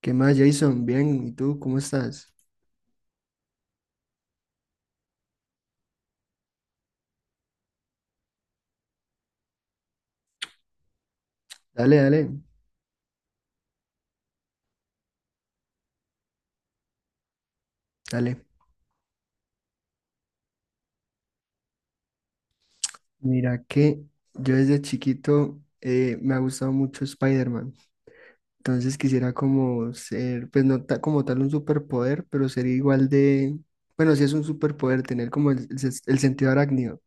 ¿Qué más, Jason? Bien, ¿y tú cómo estás? Dale, dale, dale. Mira que yo desde chiquito me ha gustado mucho Spider-Man. Entonces quisiera como ser, pues no ta- como tal un superpoder, pero ser igual de, bueno, si es un superpoder, tener como el sentido arácnido.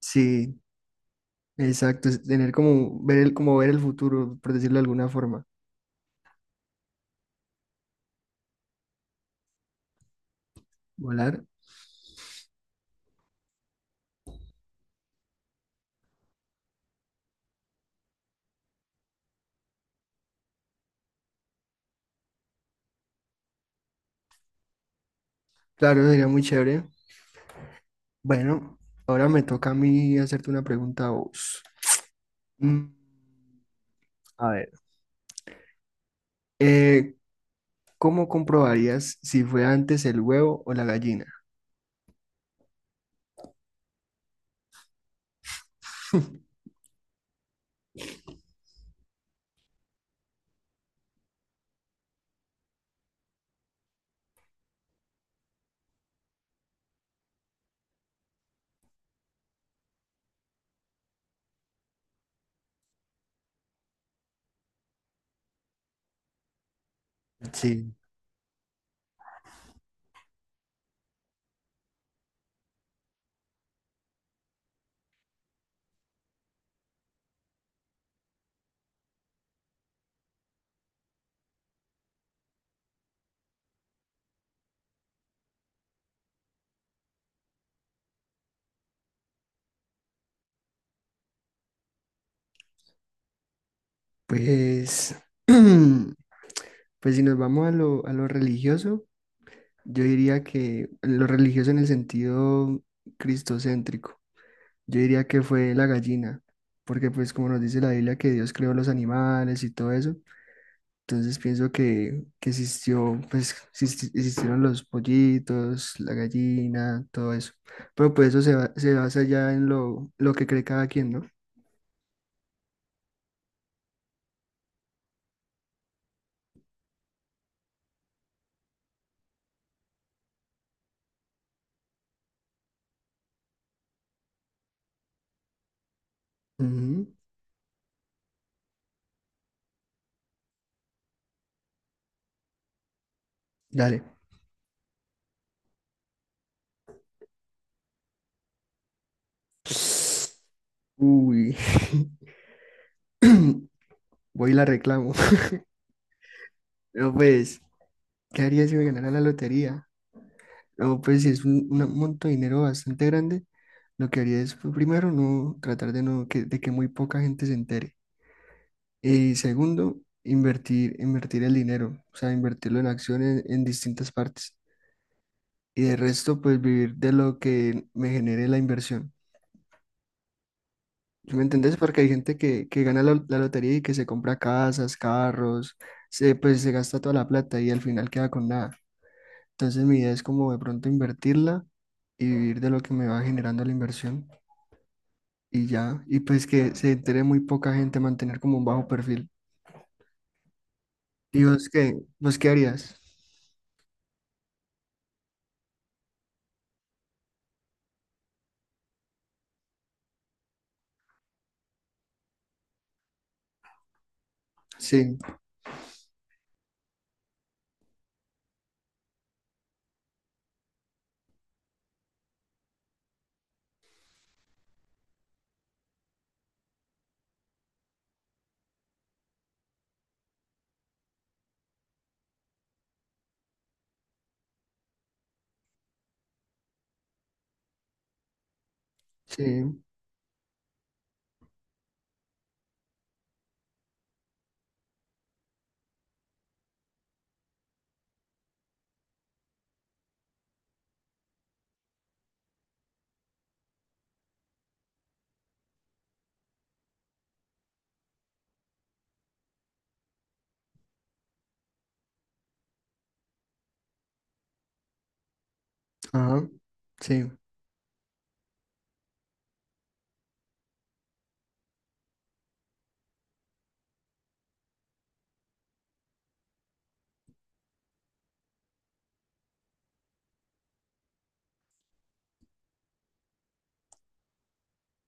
Sí, exacto, es tener como ver como ver el futuro, por decirlo de alguna forma. Volar, claro, sería muy chévere. Bueno, ahora me toca a mí hacerte una pregunta a vos. Mm, Eh, ¿Cómo comprobarías si fue antes el huevo o la gallina? Sí, pues, pues si nos vamos a a lo religioso, yo diría que lo religioso en el sentido cristocéntrico, yo diría que fue la gallina, porque pues como nos dice la Biblia que Dios creó los animales y todo eso, entonces pienso que existió, pues existieron los pollitos, la gallina, todo eso, pero pues eso se basa ya en lo que cree cada quien, ¿no? Ujú. Dale. Uy. Voy y la reclamo. No, pues, ¿qué haría si me ganara la lotería? No, pues, si es un monto de dinero bastante grande, lo que haría es, pues, primero, no tratar de, no, de que muy poca gente se entere. Y segundo, invertir el dinero, o sea, invertirlo en acciones en distintas partes. Y de resto, pues, vivir de lo que me genere la inversión. ¿Sí me entendés? Porque hay gente que gana la lotería y que se compra casas, carros, se, pues se gasta toda la plata y al final queda con nada. Entonces mi idea es como de pronto invertirla y vivir de lo que me va generando la inversión y ya. Y pues que se entere muy poca gente, mantener como un bajo perfil. ¿Y vos qué? ¿Vos qué harías? Sí, sí, ajá, sí,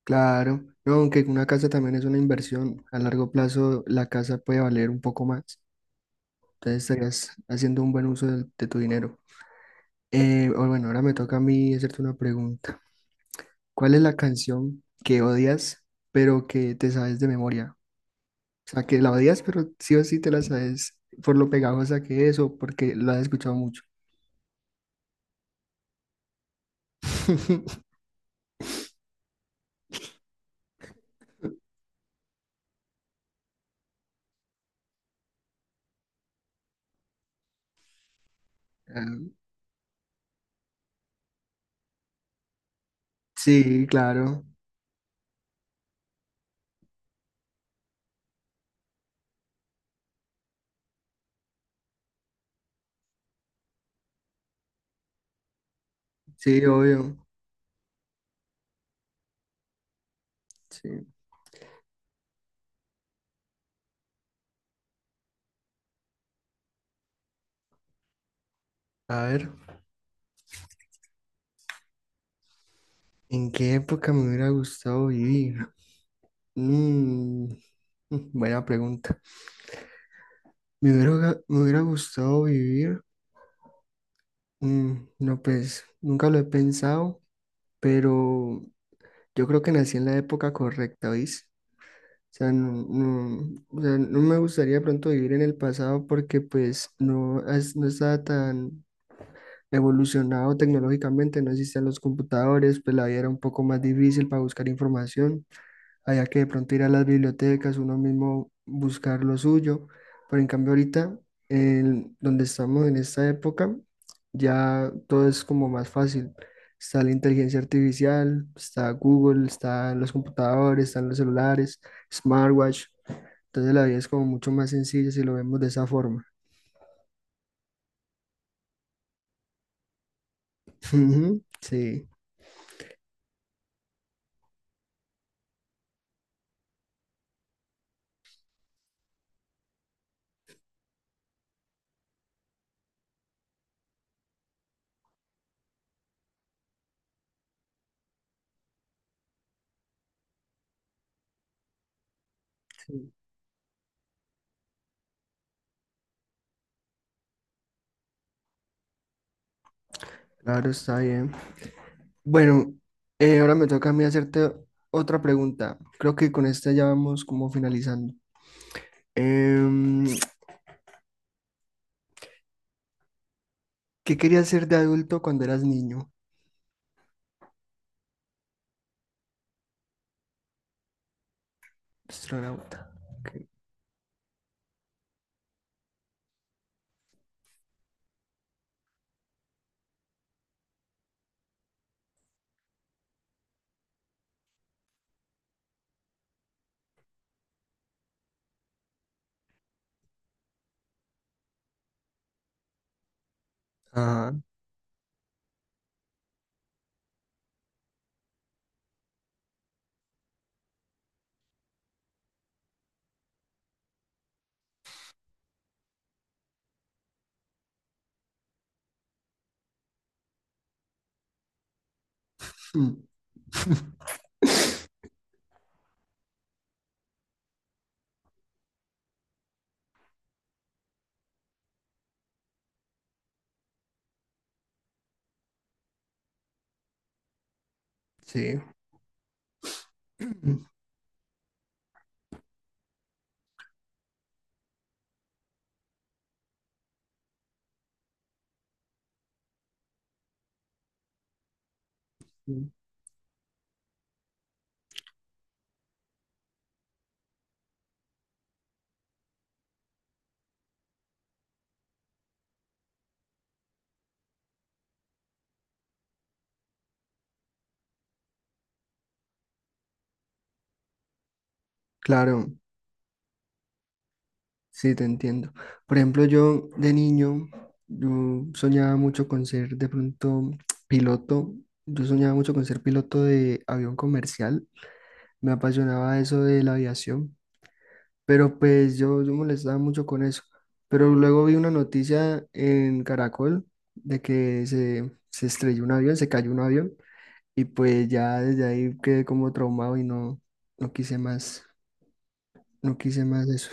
claro. No, aunque una casa también es una inversión, a largo plazo la casa puede valer un poco más. Entonces estarías haciendo un buen uso tu dinero. O bueno, ahora me toca a mí hacerte una pregunta. ¿Cuál es la canción que odias, pero que te sabes de memoria? O sea, que la odias, pero sí o sí te la sabes por lo pegajosa que es o porque la has escuchado mucho. Ah. Sí, claro. Sí, obvio. Sí. A ver, ¿en qué época me hubiera gustado vivir? Mm, buena pregunta. Me hubiera gustado vivir. Mm, no, pues nunca lo he pensado, pero yo creo que nací en la época correcta, ¿oís? O sea, o sea, no me gustaría de pronto vivir en el pasado porque pues no, no estaba tan evolucionado tecnológicamente, no existían los computadores, pues la vida era un poco más difícil para buscar información. Había que de pronto ir a las bibliotecas, uno mismo buscar lo suyo. Pero en cambio ahorita, en donde estamos en esta época, ya todo es como más fácil. Está la inteligencia artificial, está Google, están los computadores, están los celulares, smartwatch. Entonces la vida es como mucho más sencilla si lo vemos de esa forma. Ujú. Sí. Sí, claro, está bien. Bueno, ahora me toca a mí hacerte otra pregunta. Creo que con esta ya vamos como finalizando. Em, ¿Qué querías ser de adulto cuando eras niño? Astronauta. Ok. Ah, mm, sí. Claro, sí, te entiendo. Por ejemplo, yo de niño, yo soñaba mucho con ser de pronto piloto. Yo soñaba mucho con ser piloto de avión comercial. Me apasionaba eso de la aviación. Pero pues yo molestaba mucho con eso. Pero luego vi una noticia en Caracol de que se estrelló un avión, se cayó un avión. Y pues ya desde ahí quedé como traumado y no quise más, no quise más eso.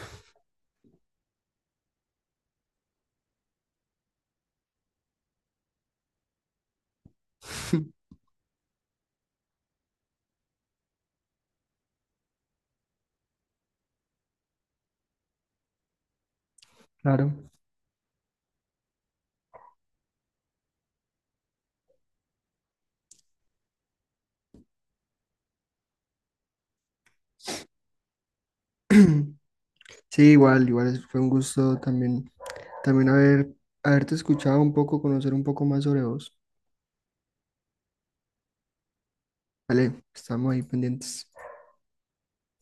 Claro. Sí, igual, fue un gusto también, también haber, haberte escuchado un poco, conocer un poco más sobre vos. Vale, estamos ahí pendientes.